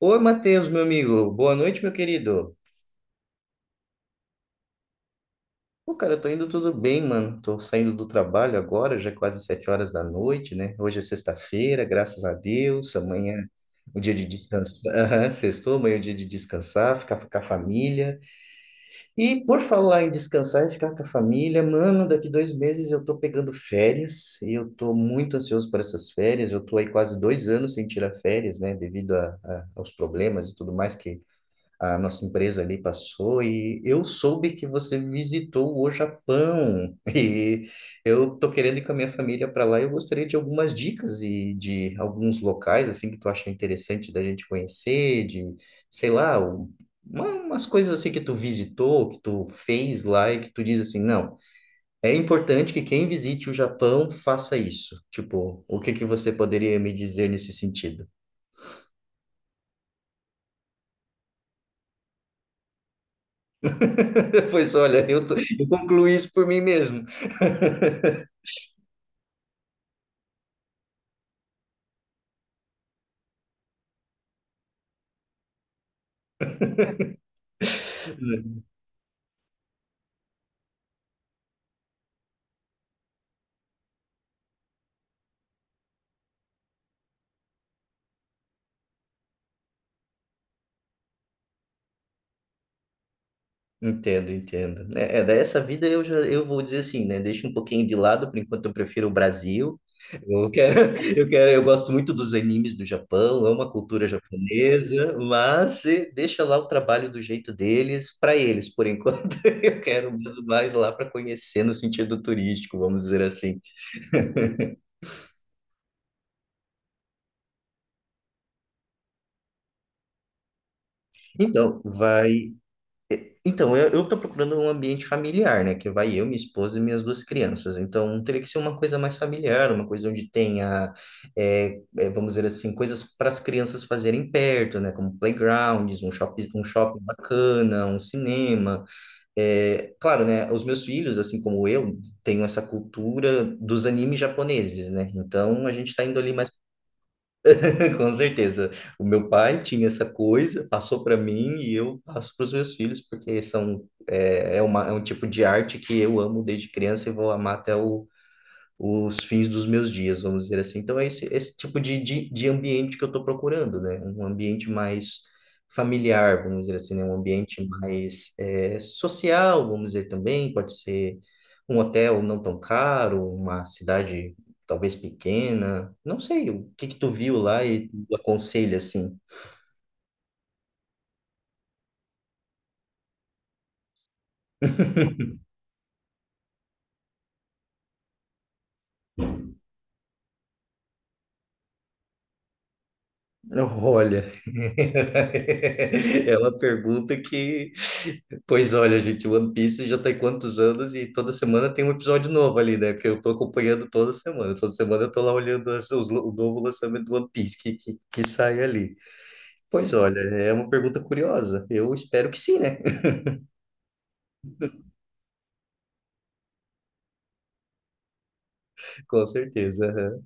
Oi, Matheus, meu amigo. Boa noite, meu querido. Pô, cara, eu tô indo tudo bem, mano. Tô saindo do trabalho agora, já é quase 7 horas da noite, né? Hoje é sexta-feira, graças a Deus. Amanhã é o dia de descansar. Aham, sextou, amanhã é o dia de descansar, ficar com a família. E por falar em descansar e ficar com a família, mano, daqui 2 meses eu tô pegando férias e eu tô muito ansioso por essas férias. Eu tô aí quase 2 anos sem tirar férias, né? Devido aos problemas e tudo mais que a nossa empresa ali passou, e eu soube que você visitou o Japão e eu tô querendo ir com a minha família para lá, e eu gostaria de algumas dicas e de alguns locais assim que tu acha interessante da gente conhecer, de, sei lá, umas coisas assim que tu visitou, que tu fez lá e que tu diz assim, não, é importante que quem visite o Japão faça isso. Tipo, o que que você poderia me dizer nesse sentido? Pois olha, eu concluí isso por mim mesmo. Entendo, entendo. Dessa vida eu já, eu vou dizer assim, né? Deixa um pouquinho de lado, por enquanto eu prefiro o Brasil. Eu quero, eu gosto muito dos animes do Japão, amo a cultura japonesa, mas deixa lá o trabalho do jeito deles para eles, por enquanto. Eu quero mais lá para conhecer no sentido turístico, vamos dizer assim. Então, vai. Então, eu tô procurando um ambiente familiar, né? Que vai eu, minha esposa e minhas duas crianças. Então, teria que ser uma coisa mais familiar, uma coisa onde tenha, vamos dizer assim, coisas para as crianças fazerem perto, né? Como playgrounds, um shopping bacana, um cinema. É, claro, né? Os meus filhos, assim como eu, tenho essa cultura dos animes japoneses, né? Então, a gente está indo ali mais. Com certeza. O meu pai tinha essa coisa, passou para mim e eu passo para os meus filhos, porque são, é, é, uma, é um tipo de arte que eu amo desde criança e vou amar até o os fins dos meus dias, vamos dizer assim. Então, é esse, esse tipo de ambiente que eu estou procurando, né? Um ambiente mais familiar, vamos dizer assim, né? Um ambiente mais social, vamos dizer também. Pode ser um hotel não tão caro, uma cidade talvez pequena. Não sei, o que que tu viu lá e tu aconselha, assim? Olha, ela pergunta que, pois olha, gente, One Piece já tem quantos anos e toda semana tem um episódio novo ali, né? Porque eu tô acompanhando toda semana eu tô lá olhando o novo lançamento do One Piece que sai ali. Pois olha, é uma pergunta curiosa. Eu espero que sim, né? Com certeza. Aham.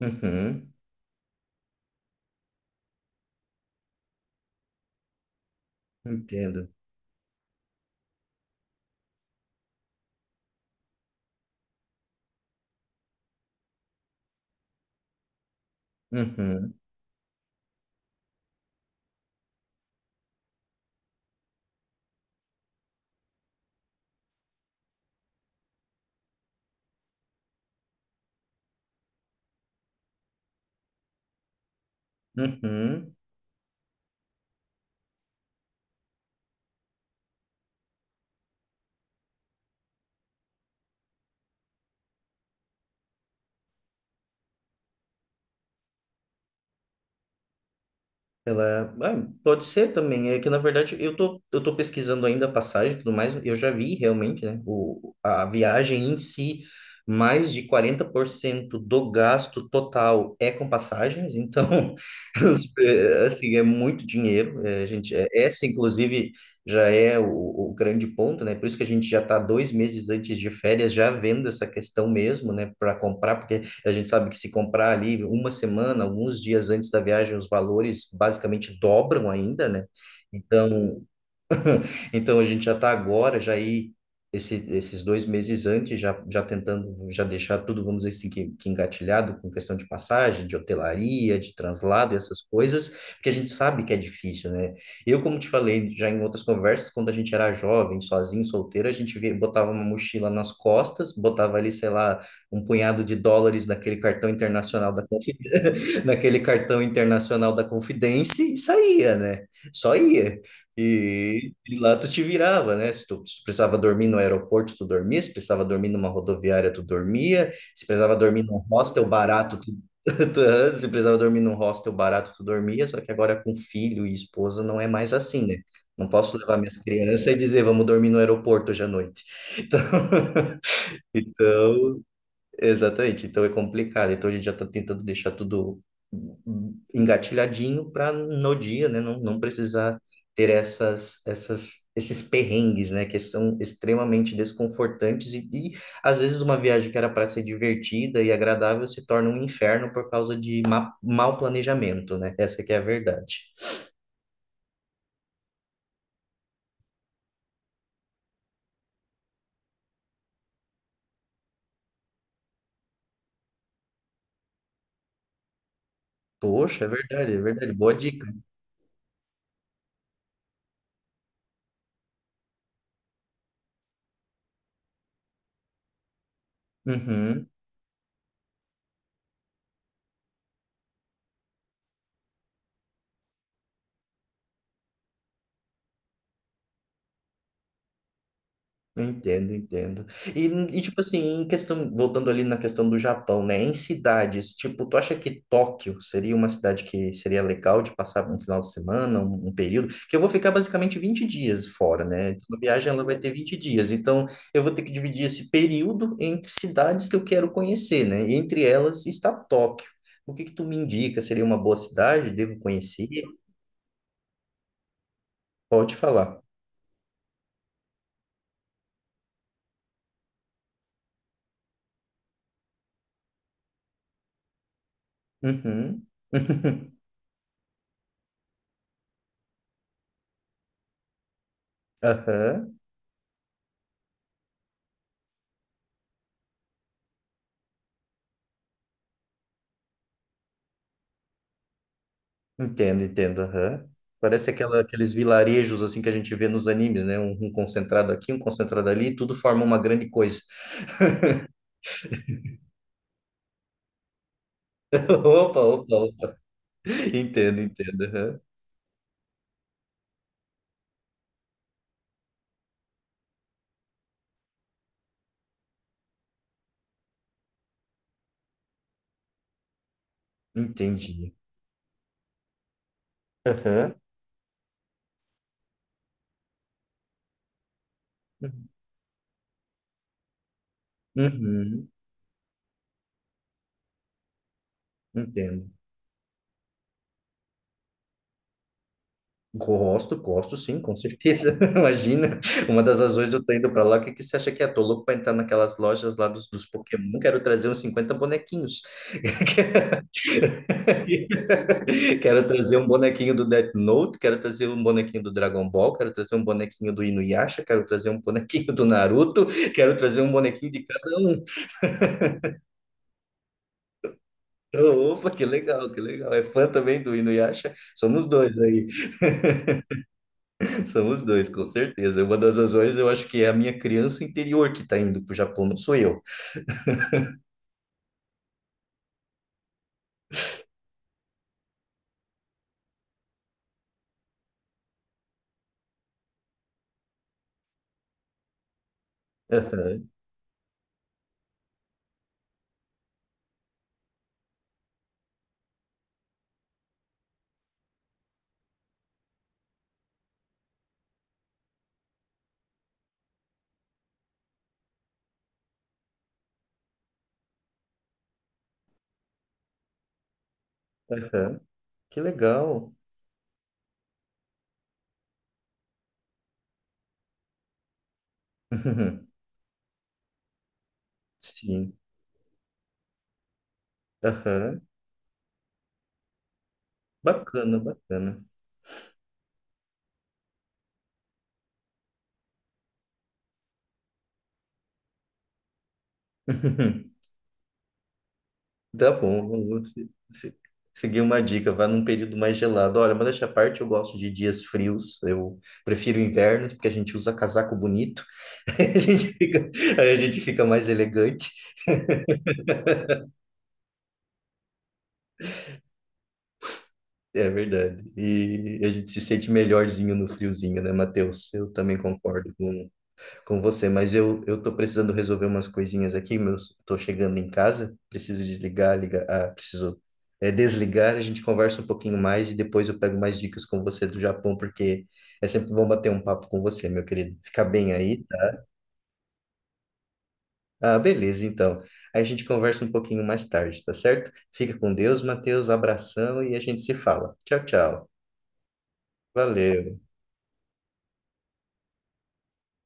Uhum, entendo. Uhum, uhum. Ela, ah, pode ser também. É que na verdade eu tô pesquisando ainda a passagem e tudo mais. Eu já vi realmente, né? O, a viagem em si, mais de 40% do gasto total é com passagens. Então, assim, é muito dinheiro. É, a gente, é, essa, inclusive, já é o grande ponto, né? Por isso que a gente já tá 2 meses antes de férias já vendo essa questão mesmo, né? Para comprar, porque a gente sabe que se comprar ali uma semana, alguns dias antes da viagem, os valores basicamente dobram ainda, né? Então, então a gente já está agora, já aí esse, esses 2 meses antes, já, já tentando já deixar tudo, vamos dizer assim, que engatilhado com questão de passagem, de hotelaria, de translado, essas coisas, porque a gente sabe que é difícil, né? Eu, como te falei já em outras conversas, quando a gente era jovem, sozinho, solteiro, a gente botava uma mochila nas costas, botava ali, sei lá, um punhado de dólares naquele cartão internacional da Confidence e saía, né? Só ia. E lá tu te virava, né? Se tu precisava dormir no aeroporto, tu dormia. Se precisava dormir numa rodoviária, tu dormia. Se precisava dormir num hostel barato, tu, tu- se precisava dormir num hostel barato, tu dormia. Só que agora com filho e esposa não é mais assim, né? Não posso levar minhas crianças e dizer, vamos dormir no aeroporto hoje à noite. Então, então, exatamente, então é complicado. Então a gente já está tentando deixar tudo engatilhadinho para no dia, né, não, não precisar ter esses perrengues, né, que são extremamente desconfortantes e às vezes uma viagem que era para ser divertida e agradável se torna um inferno por causa de ma mau planejamento, né? Essa que é a verdade. Poxa, é verdade, é verdade. Boa dica. Uhum. Entendo, entendo. E, tipo assim, em questão, voltando ali na questão do Japão, né? Em cidades, tipo, tu acha que Tóquio seria uma cidade que seria legal de passar um final de semana, um período? Porque eu vou ficar basicamente 20 dias fora, né? Então, a viagem ela vai ter 20 dias. Então, eu vou ter que dividir esse período entre cidades que eu quero conhecer, né? E entre elas está Tóquio. O que que tu me indica? Seria uma boa cidade? Devo conhecer? Pode falar. Uhum. Aham. Entendo, entendo. Aham. Parece aquela, aqueles vilarejos assim que a gente vê nos animes, né? Um concentrado aqui, um concentrado ali, tudo forma uma grande coisa. Opa, opa, opa. Entendo, entendo. Aham. Entendi. Aham. Uhum, entendo. Gosto, gosto sim, com certeza. Imagina, uma das razões de eu estar indo para lá, o que que você acha que é? Tô louco para entrar naquelas lojas lá dos, dos Pokémon, quero trazer uns 50 bonequinhos. Quero trazer um bonequinho do Death Note, quero trazer um bonequinho do Dragon Ball, quero trazer um bonequinho do Inuyasha, quero trazer um bonequinho do Naruto, quero trazer um bonequinho de cada um. Opa, que legal, que legal. É fã também do Inuyasha? Somos dois aí, somos dois, com certeza. Uma das razões eu acho que é a minha criança interior que está indo para o Japão, não sou eu. Aham, aham. Que legal. Sim. Aham. Bacana, bacana. Tá bom, vamos seguir uma dica, vá num período mais gelado. Olha, modéstia à parte, eu gosto de dias frios, eu prefiro invernos, porque a gente usa casaco bonito, a gente fica, aí a gente fica mais elegante, é verdade. E a gente se sente melhorzinho no friozinho, né, Matheus? Eu também concordo com você, mas eu tô precisando resolver umas coisinhas aqui, tô chegando em casa, preciso desligar, ligar, preciso desligar, a gente conversa um pouquinho mais e depois eu pego mais dicas com você do Japão, porque é sempre bom bater um papo com você, meu querido. Fica bem aí, tá? Ah, beleza, então. Aí a gente conversa um pouquinho mais tarde, tá certo? Fica com Deus, Matheus, abração e a gente se fala. Tchau, tchau. Valeu.